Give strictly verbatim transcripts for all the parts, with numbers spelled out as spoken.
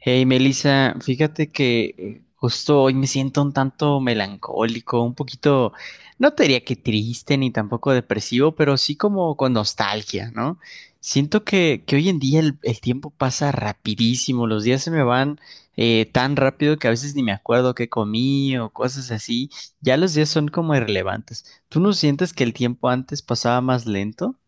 Hey Melissa, fíjate que eh, justo hoy me siento un tanto melancólico, un poquito, no te diría que triste ni tampoco depresivo, pero sí como con nostalgia, ¿no? Siento que, que hoy en día el, el tiempo pasa rapidísimo, los días se me van eh, tan rápido que a veces ni me acuerdo qué comí o cosas así, ya los días son como irrelevantes. ¿Tú no sientes que el tiempo antes pasaba más lento?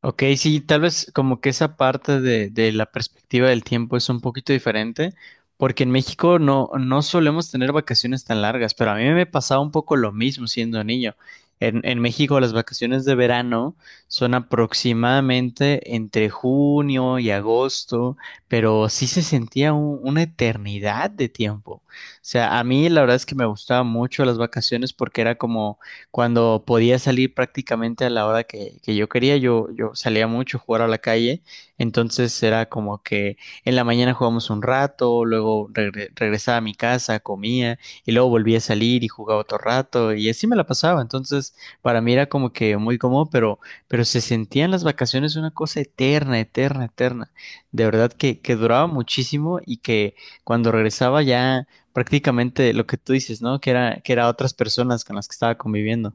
Ok, sí, tal vez como que esa parte de, de la perspectiva del tiempo es un poquito diferente, porque en México no, no solemos tener vacaciones tan largas, pero a mí me pasaba un poco lo mismo siendo niño. En, en México las vacaciones de verano son aproximadamente entre junio y agosto, pero sí se sentía un- una eternidad de tiempo. O sea, a mí la verdad es que me gustaban mucho las vacaciones porque era como cuando podía salir prácticamente a la hora que, que yo quería, yo, yo salía mucho a jugar a la calle, entonces era como que en la mañana jugábamos un rato, luego regre- regresaba a mi casa, comía y luego volvía a salir y jugaba otro rato y así me la pasaba, entonces para mí era como que muy cómodo, pero, pero se sentían las vacaciones una cosa eterna, eterna, eterna, de verdad que, que duraba muchísimo y que cuando regresaba ya prácticamente lo que tú dices, ¿no? Que era, que era otras personas con las que estaba conviviendo.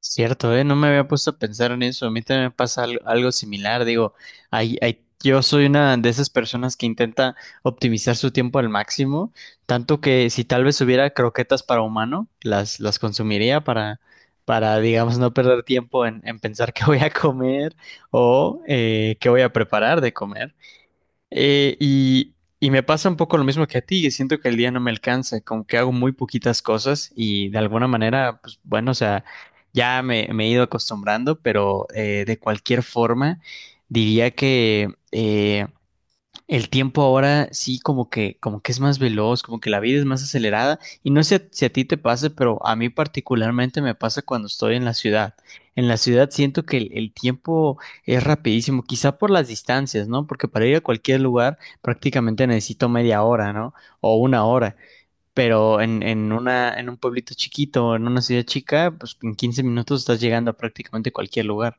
Cierto, ¿eh? No me había puesto a pensar en eso. A mí también me pasa al- algo similar. Digo, hay, hay- yo soy una de esas personas que intenta optimizar su tiempo al máximo, tanto que si tal vez hubiera croquetas para humano, las, las consumiría para, para, digamos, no perder tiempo en, en pensar qué voy a comer o eh, qué voy a preparar de comer. Eh, y, y me pasa un poco lo mismo que a ti, que siento que el día no me alcanza, como que hago muy poquitas cosas y de alguna manera, pues bueno, o sea, ya me, me he ido acostumbrando, pero eh, de cualquier forma, diría que eh, el tiempo ahora sí como que, como que es más veloz, como que la vida es más acelerada y no sé si a ti te pase, pero a mí particularmente me pasa cuando estoy en la ciudad. En la ciudad siento que el, el tiempo es rapidísimo, quizá por las distancias, ¿no? Porque para ir a cualquier lugar prácticamente necesito media hora, ¿no? O una hora. Pero en, en una, en un pueblito chiquito, en una ciudad chica, pues en quince minutos estás llegando a prácticamente cualquier lugar.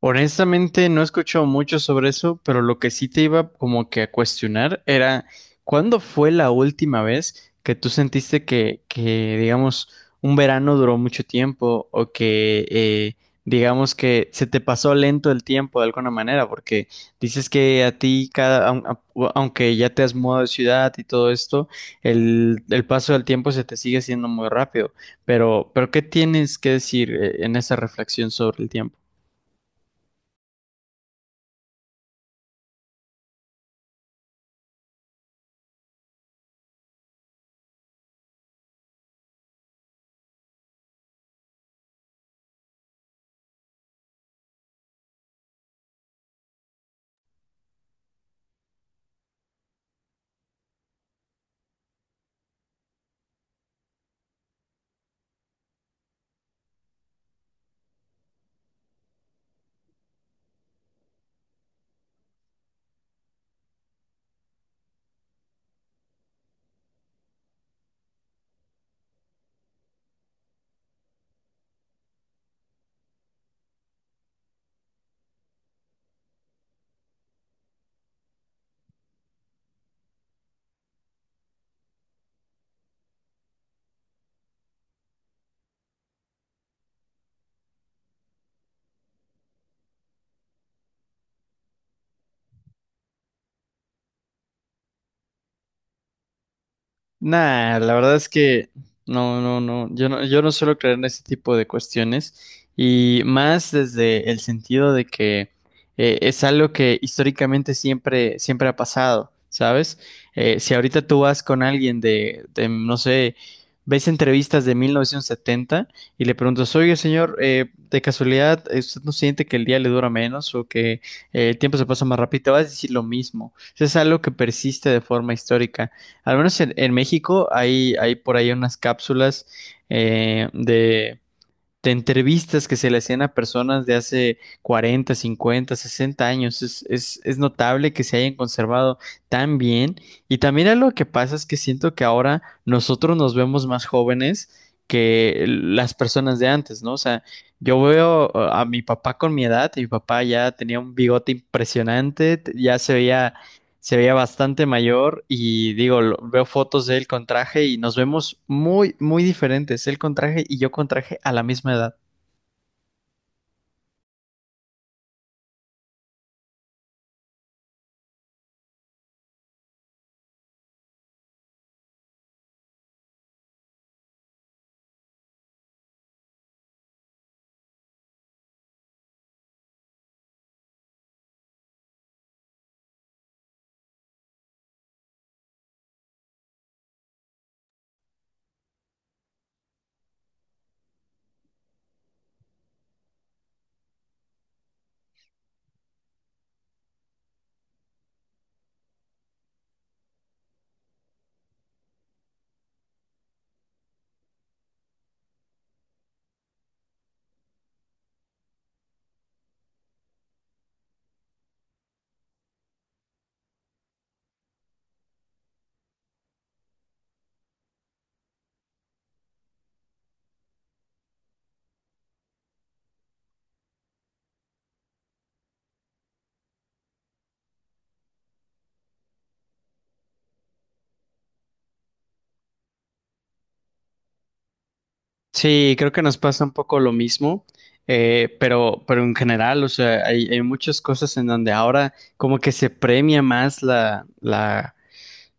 Honestamente, no he escuchado mucho sobre eso, pero lo que sí te iba como que a cuestionar era, ¿cuándo fue la última vez que tú sentiste que, que, digamos, un verano duró mucho tiempo o que, eh, digamos, que se te pasó lento el tiempo de alguna manera? Porque dices que a ti, cada, aun- a- aunque ya te has mudado de ciudad y todo esto, el, el paso del tiempo se te sigue siendo muy rápido. Pero, pero ¿qué tienes que decir, eh, en esa reflexión sobre el tiempo? Nah, la verdad es que no, no, no, yo no, yo no suelo creer en ese tipo de cuestiones y más desde el sentido de que eh, es algo que históricamente siempre, siempre ha pasado, ¿sabes? Eh, si ahorita tú vas con alguien de, de, no sé, ves entrevistas de mil novecientos setenta y le preguntas, oye, señor, eh, de casualidad, eh, ¿usted no siente que el día le dura menos o que eh, el tiempo se pasa más rápido? Te vas a decir lo mismo. Eso es algo que persiste de forma histórica. Al menos en, en México hay, hay por ahí unas cápsulas eh, de, de entrevistas que se le hacían a personas de hace cuarenta, cincuenta, sesenta años. Es, es, es notable que se hayan conservado tan bien. Y también algo que pasa es que siento que ahora nosotros nos vemos más jóvenes que las personas de antes, ¿no? O sea, yo veo uh, a mi papá con mi edad, y mi papá ya tenía un bigote impresionante, t- ya se veía, se veía bastante mayor y digo, lo- veo fotos de él con traje y nos vemos muy, muy diferentes. Él con traje y yo con traje a la misma edad. Sí, creo que nos pasa un poco lo mismo, eh, pero, pero en general, o sea, hay, hay muchas cosas en donde ahora como que se premia más la, la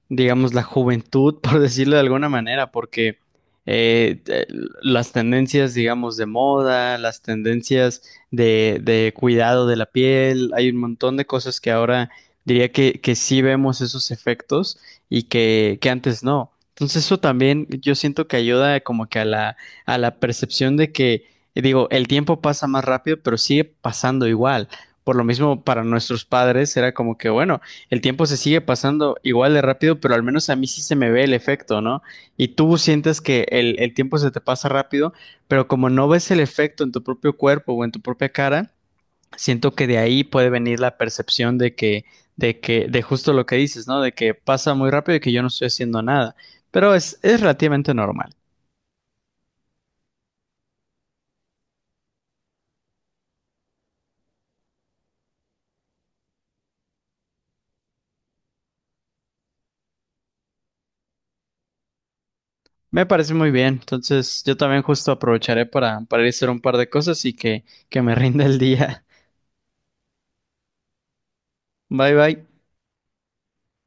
digamos, la juventud, por decirlo de alguna manera, porque eh, eh, las tendencias, digamos, de moda, las tendencias de, de cuidado de la piel, hay un montón de cosas que ahora diría que, que sí vemos esos efectos y que, que antes no. Entonces eso también yo siento que ayuda como que a la, a la percepción de que, eh, digo, el tiempo pasa más rápido, pero sigue pasando igual. Por lo mismo, para nuestros padres era como que, bueno, el tiempo se sigue pasando igual de rápido, pero al menos a mí sí se me ve el efecto, ¿no? Y tú sientes que el, el tiempo se te pasa rápido, pero como no ves el efecto en tu propio cuerpo o en tu propia cara, siento que de ahí puede venir la percepción de que, de que, de justo lo que dices, ¿no? De que pasa muy rápido y que yo no estoy haciendo nada. Pero es, es relativamente normal. Me parece muy bien. Entonces, yo también justo aprovecharé para, para ir a hacer un par de cosas y que, que me rinda el día. Bye bye.